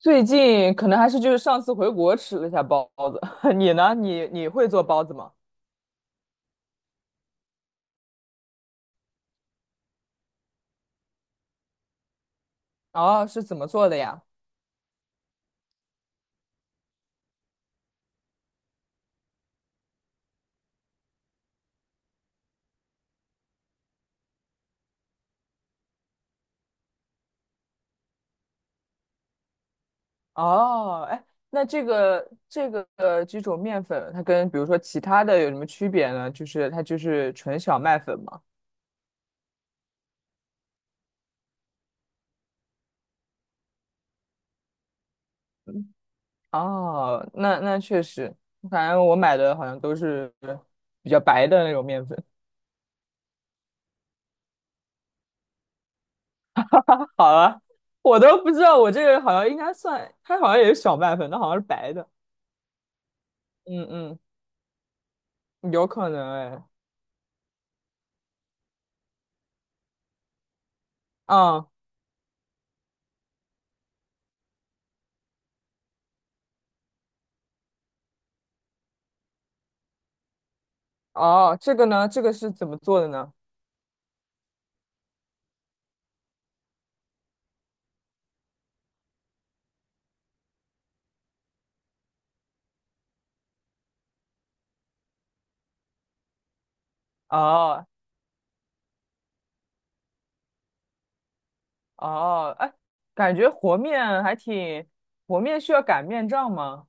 最近可能还是就是上次回国吃了一下包子，你呢？你会做包子吗？哦，是怎么做的呀？哦，哎，那这个这种面粉，它跟比如说其他的有什么区别呢？就是它就是纯小麦粉嘛。哦，那确实，反正我买的好像都是比较白的那种面粉。好了，我都不知道我这个好像应该算，它好像也是小麦粉，它好像是白的。嗯嗯，有可能哎。啊。哦，这个呢，这个是怎么做的呢？哦哦，哎，感觉和面还挺，和面需要擀面杖吗？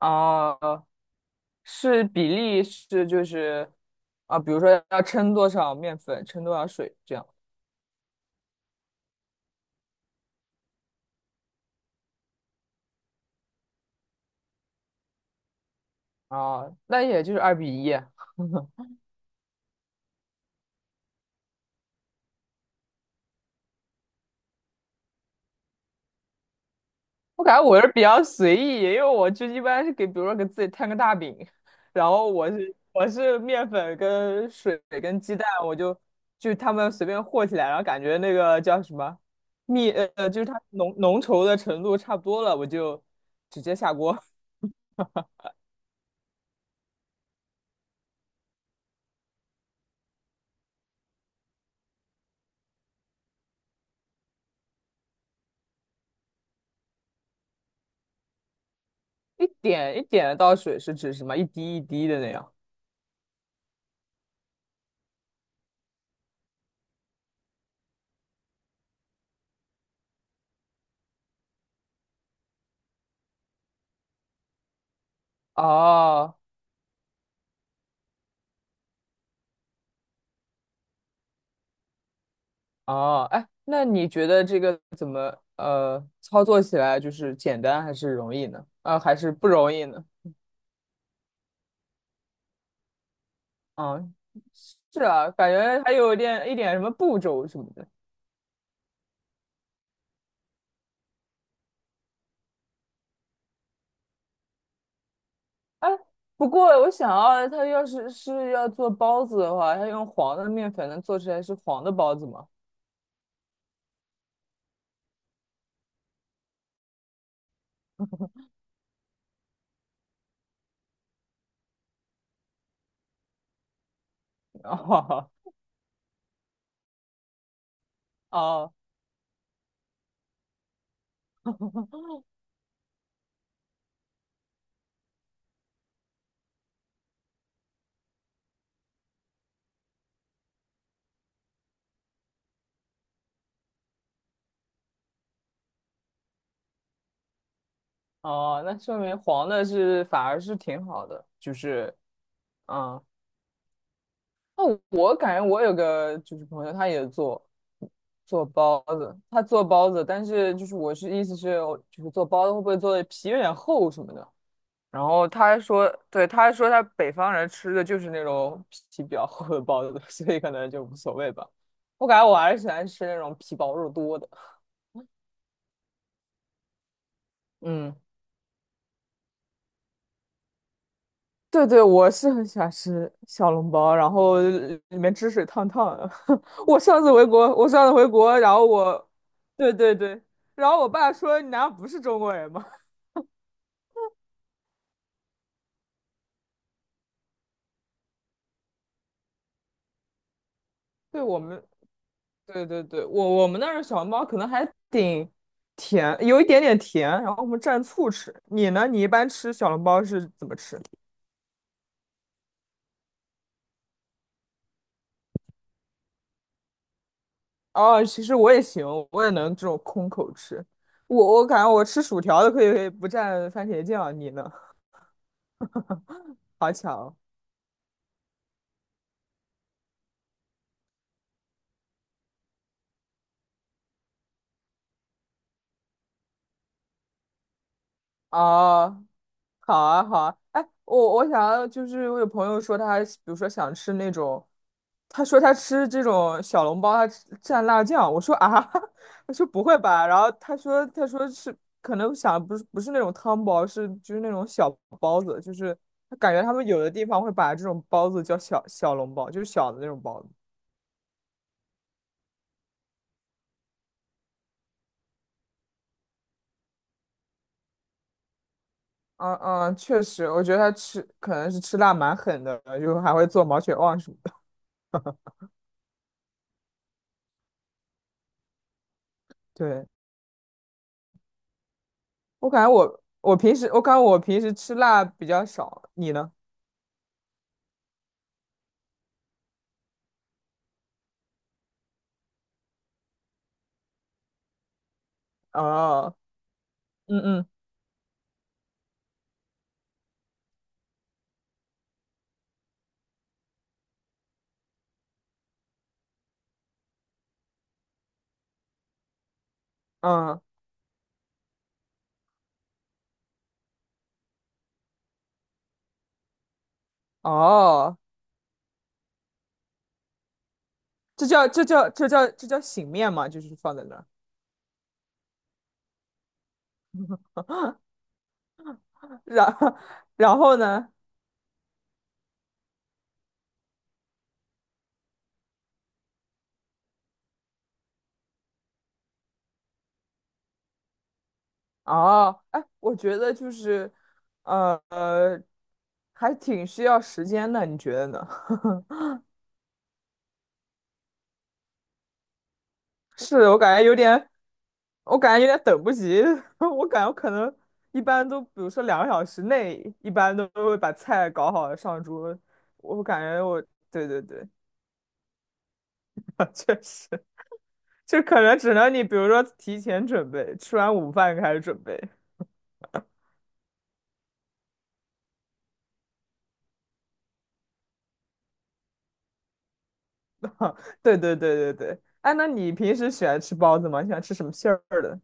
哦，是比例是就是啊，比如说要称多少面粉，称多少水这样。哦，那也就是二比一。我感觉我是比较随意，因为我就一般是给，比如说给自己摊个大饼，然后我是面粉跟水跟鸡蛋，我就他们随便和起来，然后感觉那个叫什么蜜就是它浓浓稠的程度差不多了，我就直接下锅。一点一点的倒水是指什么？一滴一滴的那样。哦哦，哎，那你觉得这个怎么操作起来就是简单还是容易呢？还是不容易呢？啊，是啊，感觉还有点一点什么步骤什么的。哎，不过我想要，他要是是要做包子的话，他用黄的面粉能做出来是黄的包子吗？哦哦哦，那说明黄的是反而是挺好的，就是啊。那我感觉我有个就是朋友，他也做做包子，他做包子，但是就是我是意思是我就是做包子会不会做的皮有点厚什么的？然后他还说，对，他还说他北方人吃的就是那种皮比较厚的包子，所以可能就无所谓吧。我感觉我还是喜欢吃那种皮薄肉多的。嗯，对对，我是很喜欢吃小笼包，然后里面汁水烫烫的。我上次回国，我上次回国，然后我，对对对，然后我爸说你难道不是中国人吗？对我们对对对，我我们那儿的小笼包可能还挺甜，有一点点甜，然后我们蘸醋吃。你呢？你一般吃小笼包是怎么吃？哦，其实我也行，我也能这种空口吃。我感觉我吃薯条都可以可以不蘸番茄酱，你呢？好巧哦，好啊好啊。哎，我想要就是我有朋友说他，比如说想吃那种他说他吃这种小笼包，他吃蘸辣酱。我说啊，我说不会吧？然后他说是可能想不是不是那种汤包，是就是那种小包子，就是他感觉他们有的地方会把这种包子叫小笼包，就是小的那种包子。嗯嗯，确实，我觉得他吃可能是吃辣蛮狠的，就还会做毛血旺什么的。对，我感觉我平时吃辣比较少，你呢？哦，嗯嗯嗯，哦。这叫醒面嘛，就是放在那儿，然后然后呢？哦，哎，我觉得就是，呃，呃还挺需要时间的，你觉得呢？是我感觉有点，我感觉有点等不及，我感觉我可能一般都，比如说两个小时内，一般都会把菜搞好上桌，我感觉我，对对对，确实，就可能只能你比如说提前准备，吃完午饭开始准备。对对对对对，哎，那你平时喜欢吃包子吗？你喜欢吃什么馅儿的？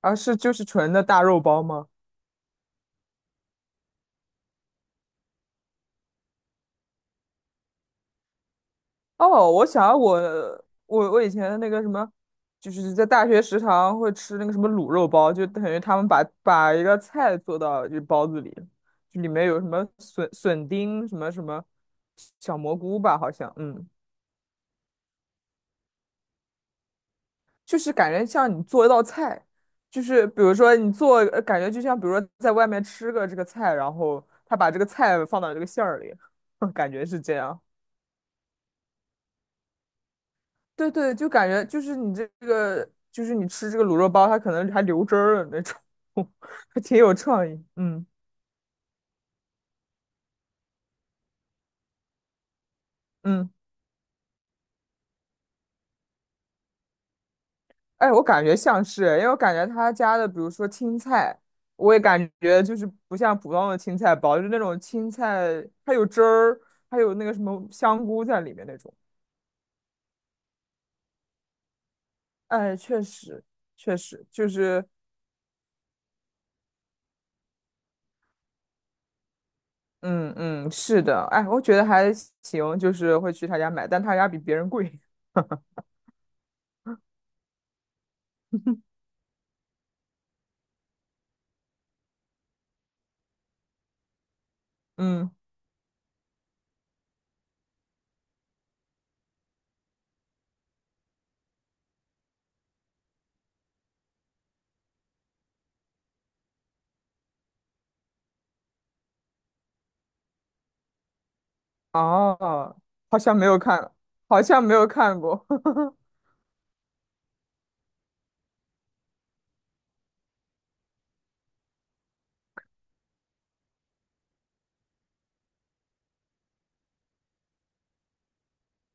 啊，是就是纯的大肉包吗？哦，我想我以前那个什么，就是在大学食堂会吃那个什么卤肉包，就等于他们把一个菜做到就包子里，就里面有什么笋丁什么什么小蘑菇吧，好像，嗯，就是感觉像你做一道菜，就是比如说你做，感觉就像比如说在外面吃个这个菜，然后他把这个菜放到这个馅儿里，感觉是这样。对对，就感觉就是你这个，就是你吃这个卤肉包，它可能还流汁儿了那种，还挺有创意。嗯嗯，哎，我感觉像是，因为我感觉他家的，比如说青菜，我也感觉就是不像普通的青菜包，就是那种青菜，它有汁儿，还有那个什么香菇在里面那种。哎，确实，确实就是，嗯嗯，是的，哎，我觉得还行，就是会去他家买，但他家比别人贵。嗯，哦，好像没有看，好像没有看过。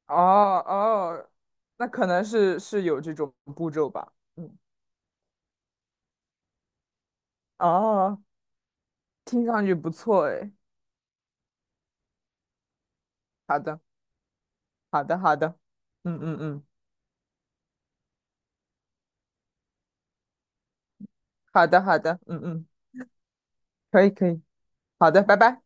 哦哦，那可能是是有这种步骤吧。嗯，哦，听上去不错哎。好的，好的，好的。嗯嗯嗯，好的，好的，嗯嗯，可以可以，好的，拜拜。